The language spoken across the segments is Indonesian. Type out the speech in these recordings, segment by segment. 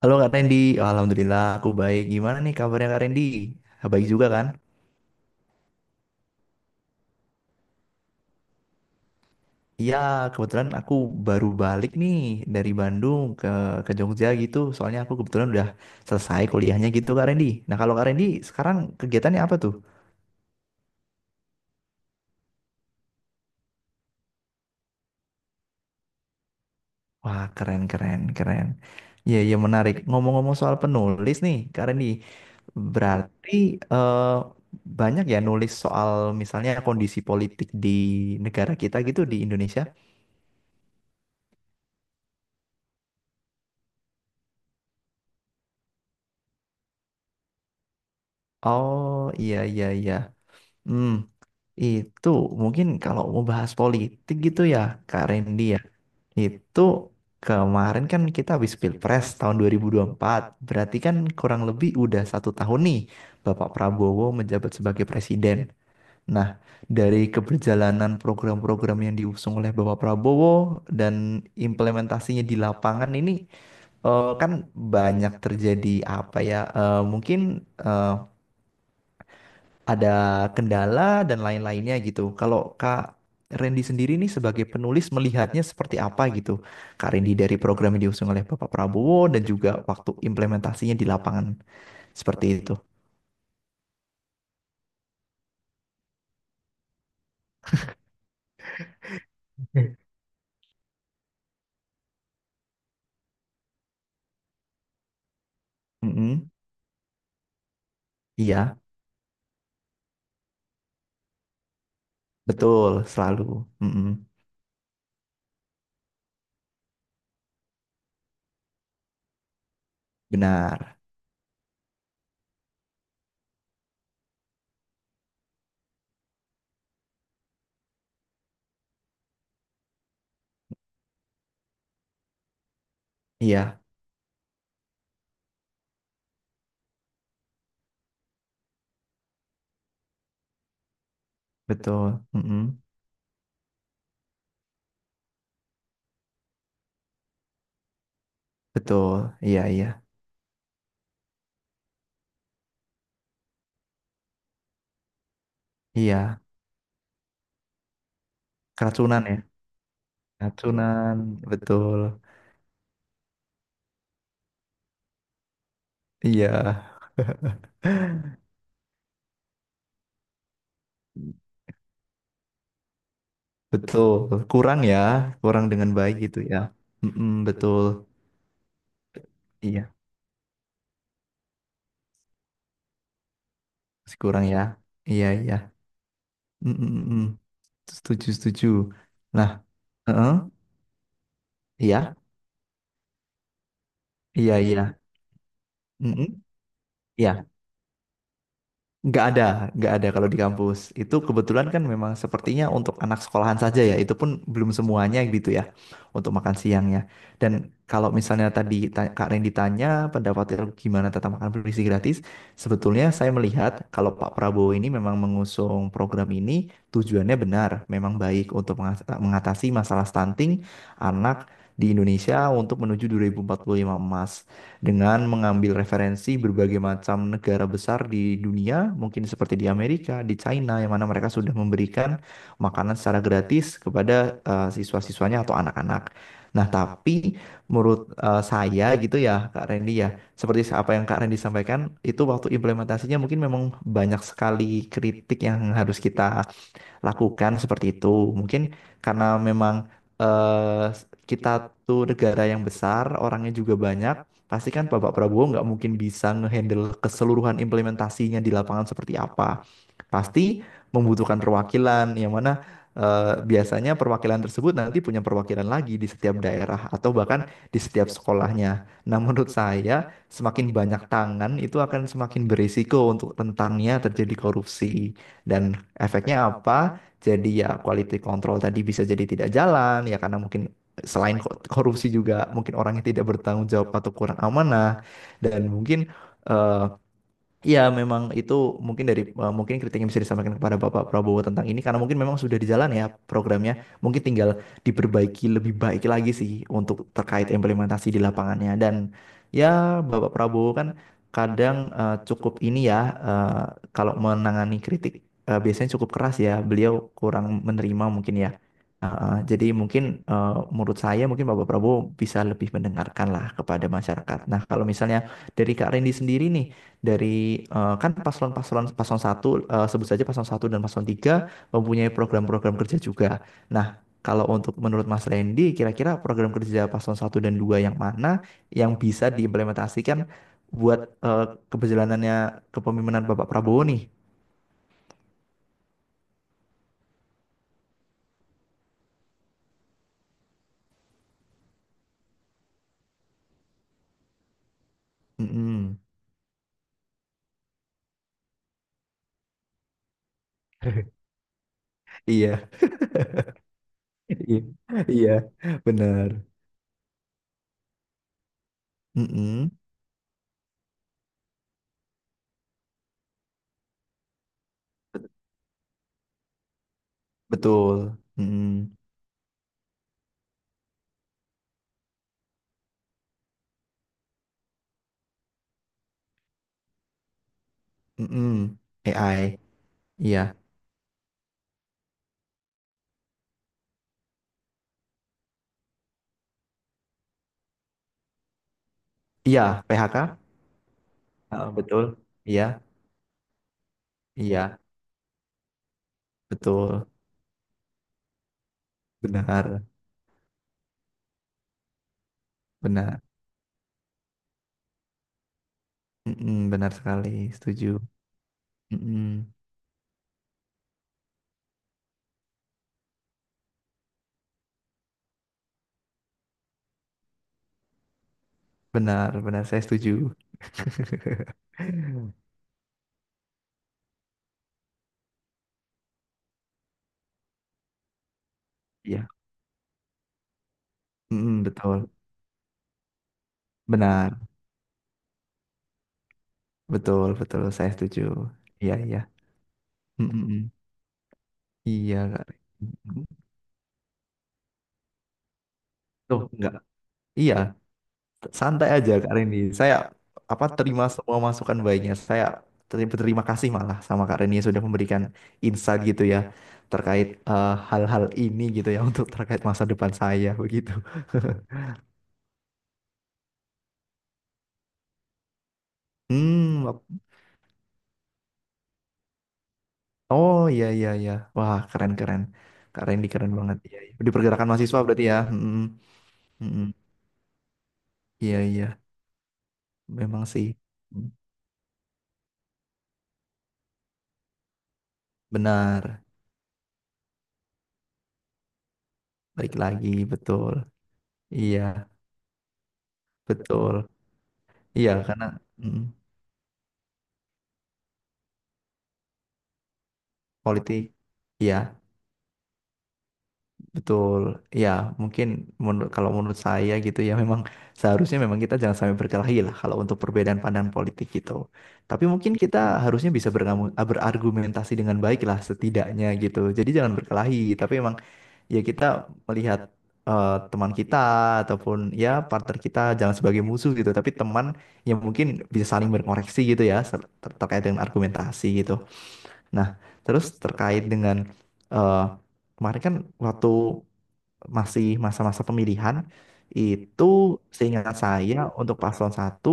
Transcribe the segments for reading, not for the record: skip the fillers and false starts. Halo Kak Randy, Alhamdulillah aku baik. Gimana nih kabarnya Kak Randy? Baik juga kan? Iya, kebetulan aku baru balik nih dari Bandung ke Jogja gitu. Soalnya aku kebetulan udah selesai kuliahnya gitu Kak Randy. Nah kalau Kak Randy sekarang kegiatannya apa tuh? Wah, keren keren keren. Iya iya, menarik. Ngomong-ngomong soal penulis nih Kak Randy, berarti eh, banyak ya nulis soal misalnya kondisi politik di negara kita gitu di Indonesia? Oh iya iya iya. Hmm. Itu mungkin kalau mau bahas politik gitu ya, Kak Randy ya. Itu kemarin kan kita habis Pilpres tahun 2024. Berarti kan kurang lebih udah satu tahun nih Bapak Prabowo menjabat sebagai presiden. Nah, dari keberjalanan program-program yang diusung oleh Bapak Prabowo dan implementasinya di lapangan ini kan banyak terjadi apa ya? Mungkin eh, ada kendala dan lain-lainnya gitu. Kalau Kak Randy sendiri nih sebagai penulis melihatnya seperti apa gitu? Kak Randy, dari program yang diusung oleh Bapak Prabowo dan juga waktu implementasinya di lapangan seperti itu. Mm-mm. Iya, betul selalu. Mm-mm. Benar. Iya, betul. Mm-mm. Betul. Iya, iya. Iya, keracunan ya. Keracunan, betul. Iya, betul. Kurang ya, kurang dengan baik gitu ya. Mm-mm, betul. Iya. Masih kurang ya. Iya, iya. Mm, mm, mm, mm. Setuju, setuju. Nah, heeh. Iya, iya, iya. Mm, mm. Iya. Nggak ada, nggak ada kalau di kampus. Itu kebetulan kan memang sepertinya untuk anak sekolahan saja ya. Itu pun belum semuanya gitu ya untuk makan siangnya. Dan kalau misalnya tadi Kak Ren ditanya pendapat gimana tentang makan bergizi gratis, sebetulnya saya melihat kalau Pak Prabowo ini memang mengusung program ini tujuannya benar, memang baik untuk mengatasi masalah stunting anak di Indonesia untuk menuju 2045 emas dengan mengambil referensi berbagai macam negara besar di dunia, mungkin seperti di Amerika, di China, yang mana mereka sudah memberikan makanan secara gratis kepada siswa-siswanya atau anak-anak. Nah, tapi menurut saya gitu ya, Kak Randy ya, seperti apa yang Kak Randy sampaikan, itu waktu implementasinya mungkin memang banyak sekali kritik yang harus kita lakukan seperti itu. Mungkin karena memang eh, kita tuh negara yang besar, orangnya juga banyak, pasti kan Bapak Prabowo nggak mungkin bisa ngehandle keseluruhan implementasinya di lapangan seperti apa, pasti membutuhkan perwakilan yang mana biasanya perwakilan tersebut nanti punya perwakilan lagi di setiap daerah atau bahkan di setiap sekolahnya. Nah, menurut saya semakin banyak tangan itu akan semakin berisiko untuk rentannya terjadi korupsi dan efeknya apa? Jadi ya, quality control tadi bisa jadi tidak jalan ya karena mungkin selain korupsi juga mungkin orangnya tidak bertanggung jawab atau kurang amanah dan mungkin eh, iya, memang itu mungkin dari mungkin kritik yang bisa disampaikan kepada Bapak Prabowo tentang ini karena mungkin memang sudah di jalan ya programnya. Mungkin tinggal diperbaiki lebih baik lagi sih untuk terkait implementasi di lapangannya. Dan ya, Bapak Prabowo kan kadang cukup ini ya, eh, kalau menangani kritik biasanya cukup keras ya. Beliau kurang menerima mungkin ya. Jadi mungkin menurut saya mungkin Bapak Prabowo bisa lebih mendengarkan lah kepada masyarakat. Nah, kalau misalnya dari Kak Rendi sendiri nih, dari kan paslon satu, sebut saja paslon satu dan paslon tiga mempunyai program-program kerja juga. Nah, kalau untuk menurut Mas Randy, kira-kira program kerja paslon satu dan dua yang mana yang bisa diimplementasikan buat eh, keberjalanannya kepemimpinan Bapak Prabowo nih? Mm-mm. Iya, iya, iya, benar. Mm-mm. Betul. Mm-mm. Mm-mm. AI. Iya, iya, PHK. Ah, betul. Iya, iya. Betul, benar, benar. Mm-mm, benar sekali, setuju. Mm-mm. Benar, benar, saya setuju. Iya. Mm-mm, betul, benar, betul, betul, saya setuju. Iya, iya. Mm-mm. Iya, Kak. Mm-mm. Tuh, enggak, iya, santai aja Kak Reni. Saya apa, terima semua masukan baiknya. Saya berterima kasih malah sama Kak Reni sudah memberikan insight gitu ya terkait hal-hal ini gitu ya untuk terkait masa depan saya begitu. Hmm, wap- oh iya iya iya. Wah, keren keren. Kak Reni keren banget. Iya, iya. Di pergerakan mahasiswa berarti ya. Mm-mm, mm, iya iya. Memang sih. Mm, benar. Baik lagi, betul. Iya, betul. Iya, karena mm, politik. Iya, betul, ya mungkin, menurut kalau menurut saya gitu ya, memang seharusnya memang kita jangan sampai berkelahi lah kalau untuk perbedaan pandangan politik gitu. Tapi mungkin kita harusnya bisa berargumentasi dengan baik lah setidaknya gitu. Jadi jangan berkelahi, tapi memang ya, kita melihat teman kita ataupun ya partner kita jangan sebagai musuh gitu, tapi teman yang mungkin bisa saling berkoreksi gitu ya, terkait dengan argumentasi gitu. Nah, terus terkait dengan eh, kemarin kan waktu masih masa-masa pemilihan, itu seingat saya untuk paslon satu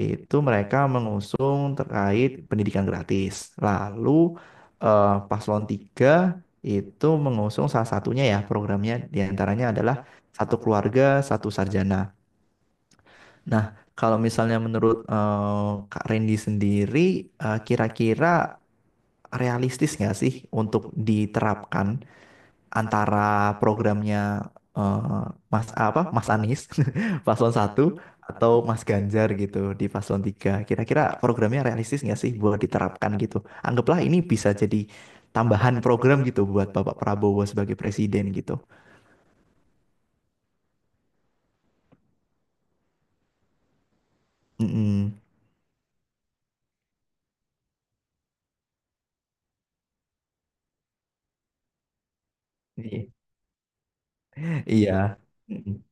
itu mereka mengusung terkait pendidikan gratis. Lalu paslon tiga itu mengusung salah satunya, ya programnya diantaranya adalah satu keluarga satu sarjana. Nah kalau misalnya menurut Kak Randy sendiri, kira-kira realistis nggak sih untuk diterapkan antara programnya eh, Mas apa Mas Anies paslon satu atau Mas Ganjar gitu di paslon tiga? Kira-kira programnya realistis nggak sih buat diterapkan gitu? Anggaplah ini bisa jadi tambahan program gitu buat Bapak Prabowo sebagai presiden gitu. Mm-mm. I- Iya. Mm-mm.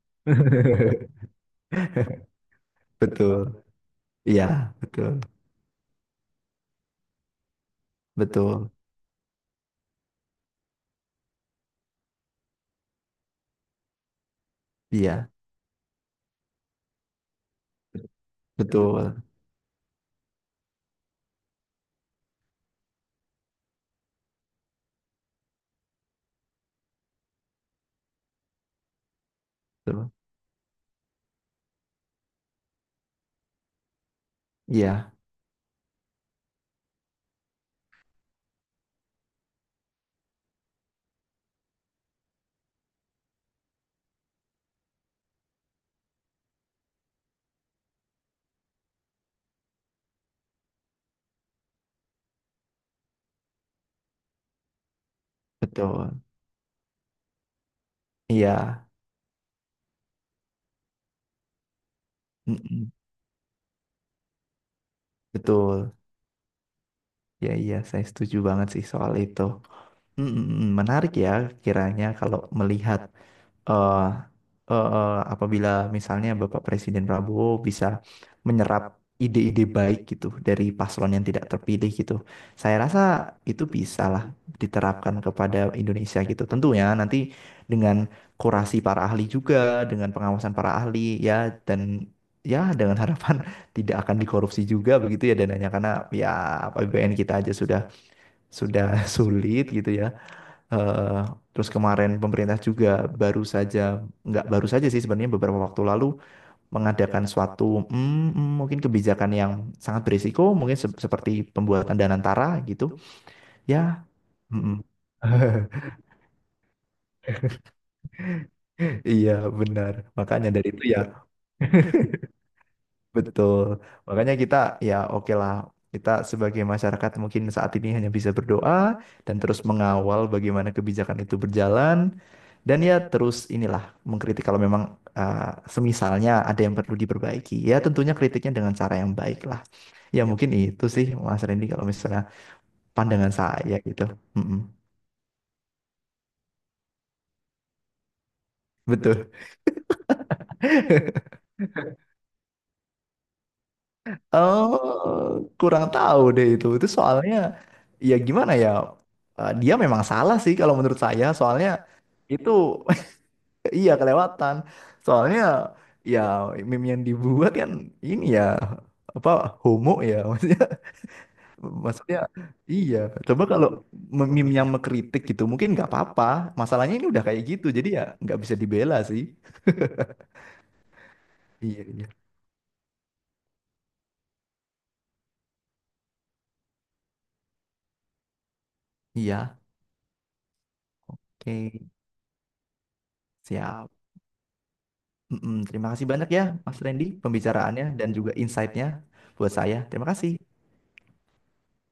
Betul. Iya, betul. Betul. Iya, betul. Betul. Iya, betul. Iya. Mm-mm. Betul. Ya iya, saya setuju banget sih soal itu. Mm. Menarik ya, kiranya kalau melihat eh apabila misalnya Bapak Presiden Prabowo bisa menyerap ide-ide baik gitu dari paslon yang tidak terpilih gitu. Saya rasa itu bisa lah diterapkan kepada Indonesia gitu. Tentunya nanti dengan kurasi para ahli juga, dengan pengawasan para ahli ya, dan ya dengan harapan tidak akan dikorupsi juga begitu ya dananya, karena ya APBN kita aja sudah sulit gitu ya. Eh, Terus kemarin pemerintah juga baru saja, nggak baru saja sih sebenarnya, beberapa waktu lalu mengadakan suatu mungkin kebijakan yang sangat berisiko, mungkin seperti pembuatan Danantara gitu. Ya, mm, mm. Iya benar. Makanya dari itu ya. Betul. Makanya kita, ya oke lah. Kita sebagai masyarakat mungkin saat ini hanya bisa berdoa dan terus mengawal bagaimana kebijakan itu berjalan. Dan ya, terus inilah mengkritik kalau memang, uh, semisalnya ada yang perlu diperbaiki. Ya tentunya kritiknya dengan cara yang baik lah. Ya mungkin itu sih Mas Randy kalau misalnya pandangan saya gitu. Mm-mm. Betul. Oh, kurang tahu deh itu. Itu soalnya, ya gimana ya? Dia memang salah sih kalau menurut saya. Soalnya itu, iya kelewatan. Soalnya ya meme yang dibuat kan ini ya apa, homo ya. Maksudnya iya. Coba kalau meme yang mengkritik gitu mungkin nggak apa-apa. Masalahnya ini udah kayak gitu. Jadi ya nggak bisa dibela sih. Iya, iya. Iya. Oke, siap. Mm-mm. Terima kasih banyak ya Mas Randy pembicaraannya dan juga insight-nya buat saya. Terima kasih.